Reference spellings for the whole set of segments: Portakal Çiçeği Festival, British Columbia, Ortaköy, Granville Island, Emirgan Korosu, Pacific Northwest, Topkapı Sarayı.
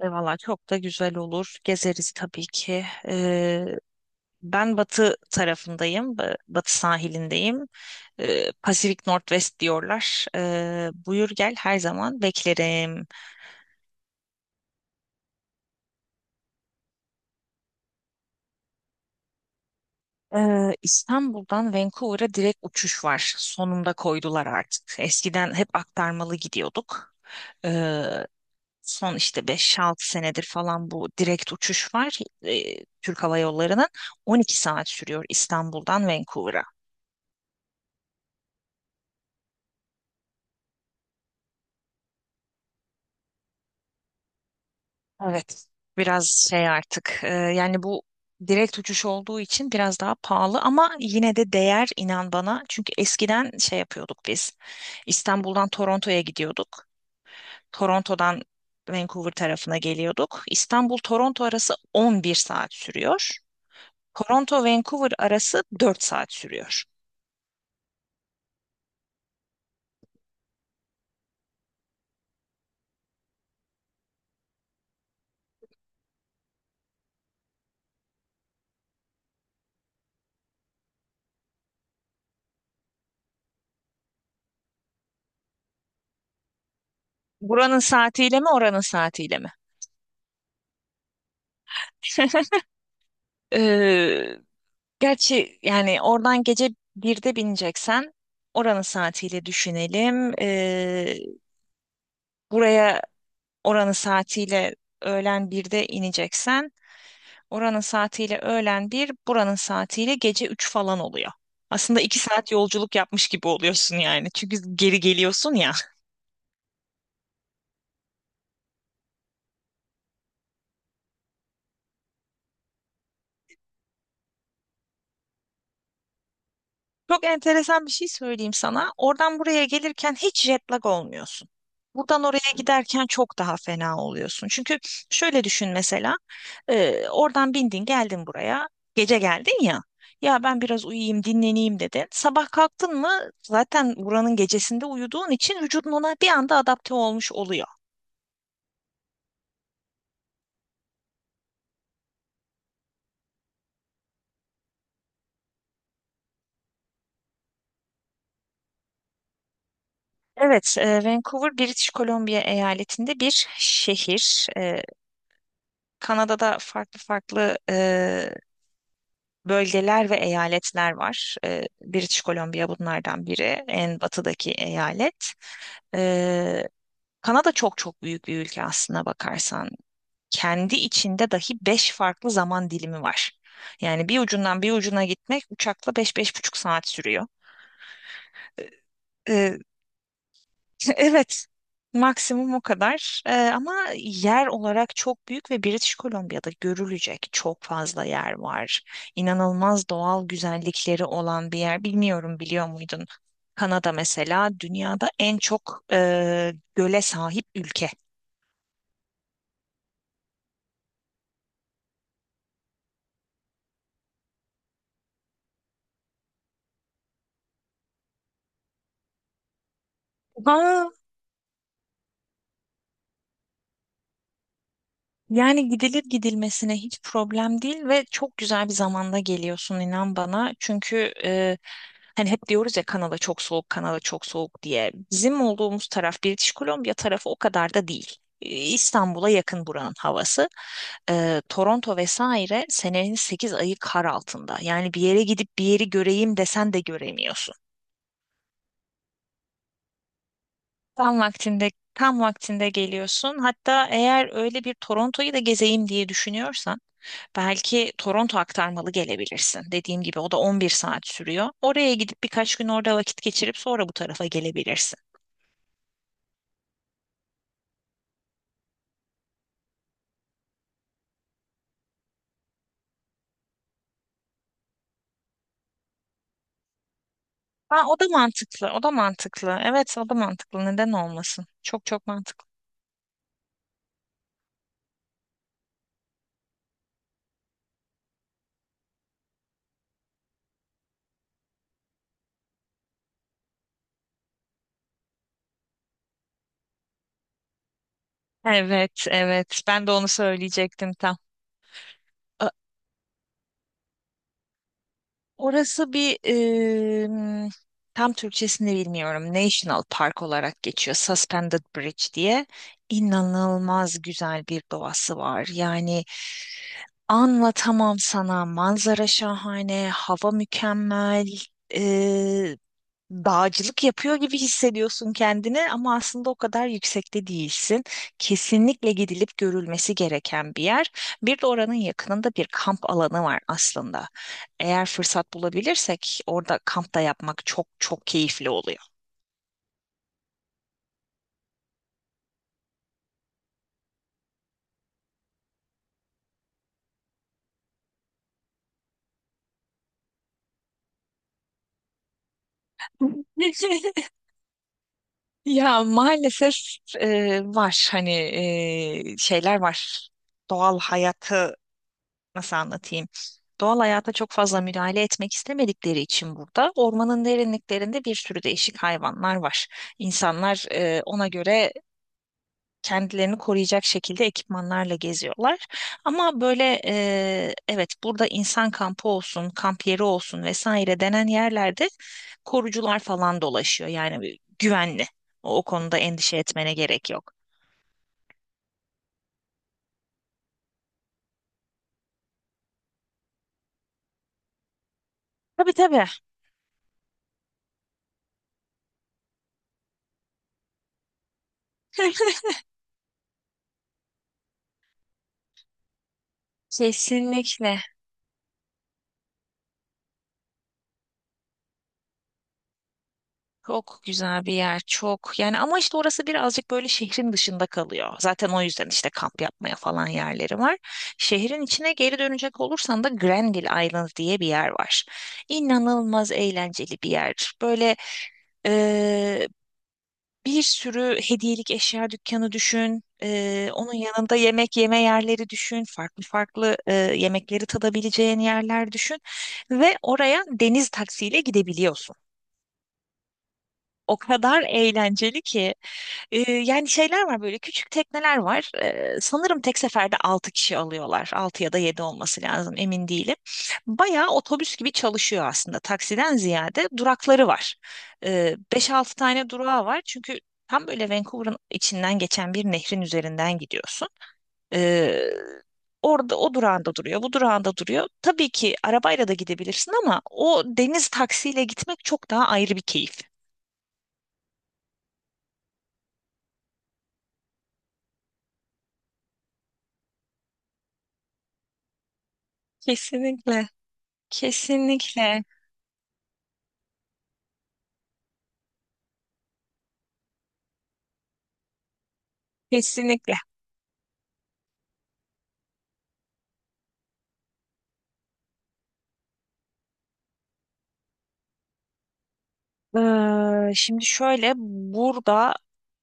Valla çok da güzel olur. Gezeriz tabii ki. Ben batı tarafındayım. Batı sahilindeyim. Pacific Northwest diyorlar. Buyur gel, her zaman beklerim. İstanbul'dan Vancouver'a direkt uçuş var. Sonunda koydular artık. Eskiden hep aktarmalı gidiyorduk. Ee, son işte 5-6 senedir falan bu direkt uçuş var. Türk Hava Yolları'nın 12 saat sürüyor İstanbul'dan Vancouver'a. Evet, biraz şey artık yani bu direkt uçuş olduğu için biraz daha pahalı, ama yine de değer, inan bana. Çünkü eskiden şey yapıyorduk biz, İstanbul'dan Toronto'ya gidiyorduk. Toronto'dan Vancouver tarafına geliyorduk. İstanbul-Toronto arası 11 saat sürüyor. Toronto-Vancouver arası 4 saat sürüyor. Buranın saatiyle mi, oranın saatiyle mi? Ee, Gerçi yani oradan gece birde bineceksen oranın saatiyle düşünelim. Buraya oranın saatiyle öğlen birde ineceksen, oranın saatiyle öğlen bir, buranın saatiyle gece 3 falan oluyor. Aslında 2 saat yolculuk yapmış gibi oluyorsun yani. Çünkü geri geliyorsun ya. Çok enteresan bir şey söyleyeyim sana. Oradan buraya gelirken hiç jet lag olmuyorsun. Buradan oraya giderken çok daha fena oluyorsun. Çünkü şöyle düşün, mesela, oradan bindin geldin buraya, gece geldin ya. Ya ben biraz uyuyayım, dinleneyim dedin. Sabah kalktın mı, zaten buranın gecesinde uyuduğun için vücudun ona bir anda adapte olmuş oluyor. Evet, Vancouver, British Columbia eyaletinde bir şehir. Kanada'da farklı farklı bölgeler ve eyaletler var. British Columbia bunlardan biri, en batıdaki eyalet. E, Kanada çok çok büyük bir ülke, aslına bakarsan. Kendi içinde dahi 5 farklı zaman dilimi var. Yani bir ucundan bir ucuna gitmek uçakla beş, beş buçuk saat sürüyor. Evet, maksimum o kadar. Ama yer olarak çok büyük ve British Columbia'da görülecek çok fazla yer var. İnanılmaz doğal güzellikleri olan bir yer. Bilmiyorum, biliyor muydun? Kanada mesela dünyada en çok göle sahip ülke. Aa, yani gidilir gidilmesine, hiç problem değil ve çok güzel bir zamanda geliyorsun, inan bana. Çünkü hani hep diyoruz ya, Kanada çok soğuk, Kanada çok soğuk diye. Bizim olduğumuz taraf, British Columbia tarafı, o kadar da değil. İstanbul'a yakın buranın havası. Toronto vesaire senenin 8 ayı kar altında. Yani bir yere gidip bir yeri göreyim desen de göremiyorsun. Tam vaktinde, tam vaktinde geliyorsun. Hatta eğer öyle bir Toronto'yu da gezeyim diye düşünüyorsan, belki Toronto aktarmalı gelebilirsin. Dediğim gibi, o da 11 saat sürüyor. Oraya gidip birkaç gün orada vakit geçirip sonra bu tarafa gelebilirsin. Ha, o da mantıklı, o da mantıklı. Evet, o da mantıklı. Neden olmasın? Çok çok mantıklı. Evet, evet. Ben de onu söyleyecektim tam. Ö- Orası bir tam Türkçesini bilmiyorum. National Park olarak geçiyor, Suspended Bridge diye. İnanılmaz güzel bir doğası var. Yani anlatamam sana. Manzara şahane, hava mükemmel. Dağcılık yapıyor gibi hissediyorsun kendini, ama aslında o kadar yüksekte değilsin. Kesinlikle gidilip görülmesi gereken bir yer. Bir de oranın yakınında bir kamp alanı var aslında. Eğer fırsat bulabilirsek, orada kamp da yapmak çok çok keyifli oluyor. Ya maalesef var hani, şeyler var. Doğal hayatı nasıl anlatayım? Doğal hayata çok fazla müdahale etmek istemedikleri için burada ormanın derinliklerinde bir sürü değişik hayvanlar var. İnsanlar ona göre kendilerini koruyacak şekilde ekipmanlarla geziyorlar. Ama böyle, evet, burada insan kampı olsun, kamp yeri olsun vesaire denen yerlerde korucular falan dolaşıyor. Yani güvenli. O konuda endişe etmene gerek yok. Tabii, tabii. Kesinlikle. Çok güzel bir yer, çok. Yani ama işte orası birazcık böyle şehrin dışında kalıyor. Zaten o yüzden işte kamp yapmaya falan yerleri var. Şehrin içine geri dönecek olursan da Granville Island diye bir yer var. İnanılmaz eğlenceli bir yer. Böyle Eee, bir sürü hediyelik eşya dükkanı düşün. Onun yanında yemek yeme yerleri düşün. Farklı farklı yemekleri tadabileceğin yerler düşün. Ve oraya deniz taksiyle gidebiliyorsun, o kadar eğlenceli ki. Yani şeyler var, böyle küçük tekneler var. Sanırım tek seferde 6 kişi alıyorlar. 6 ya da 7 olması lazım, emin değilim. Bayağı otobüs gibi çalışıyor aslında. Taksiden ziyade durakları var. 5-6 tane durağı var. Çünkü tam böyle Vancouver'ın içinden geçen bir nehrin üzerinden gidiyorsun. Ee, Orada o durağında duruyor, bu durağında duruyor. Tabii ki arabayla da gidebilirsin, ama o deniz taksiyle gitmek çok daha ayrı bir keyif. Kesinlikle. Kesinlikle, kesinlikle. Şimdi şöyle, burada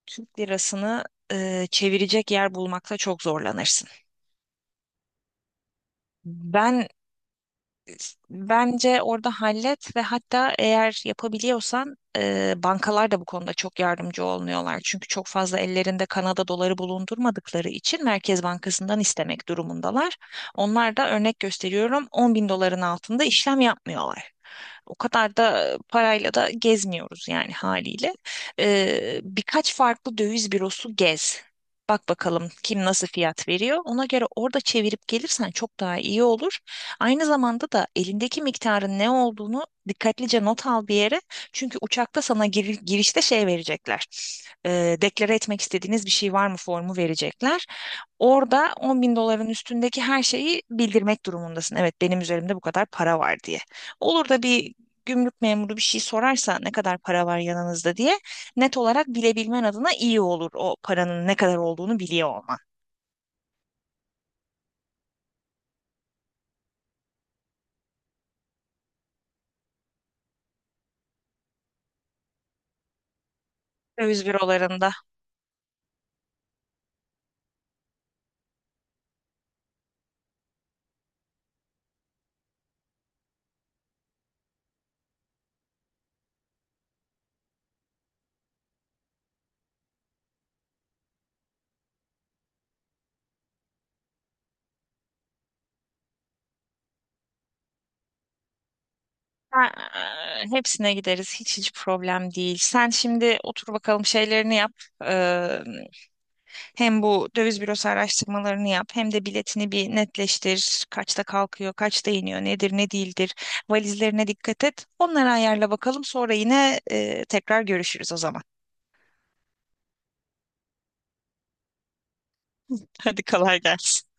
Türk lirasını çevirecek yer bulmakta çok zorlanırsın. Ben Bence orada hallet ve hatta eğer yapabiliyorsan, bankalar da bu konuda çok yardımcı olmuyorlar. Çünkü çok fazla ellerinde Kanada doları bulundurmadıkları için Merkez Bankası'ndan istemek durumundalar. Onlar da örnek gösteriyorum, 10 bin doların altında işlem yapmıyorlar. O kadar da parayla da gezmiyoruz yani, haliyle. Birkaç farklı döviz bürosu gez. Bak bakalım kim nasıl fiyat veriyor. Ona göre orada çevirip gelirsen çok daha iyi olur. Aynı zamanda da elindeki miktarın ne olduğunu dikkatlice not al bir yere. Çünkü uçakta sana girişte şey verecekler. Deklare etmek istediğiniz bir şey var mı formu verecekler. Orada 10 bin doların üstündeki her şeyi bildirmek durumundasın. Evet, benim üzerimde bu kadar para var diye. Olur da bir gümrük memuru bir şey sorarsa, ne kadar para var yanınızda diye, net olarak bilebilmen adına iyi olur o paranın ne kadar olduğunu biliyor olman. Döviz bürolarında. Ha, hepsine gideriz. Hiç hiç problem değil. Sen şimdi otur bakalım, şeylerini yap. Ee, hem bu döviz bürosu araştırmalarını yap, hem de biletini bir netleştir. Kaçta kalkıyor, kaçta iniyor, nedir, ne değildir. Valizlerine dikkat et. Onları ayarla bakalım. Sonra yine tekrar görüşürüz o zaman. Hadi kolay gelsin.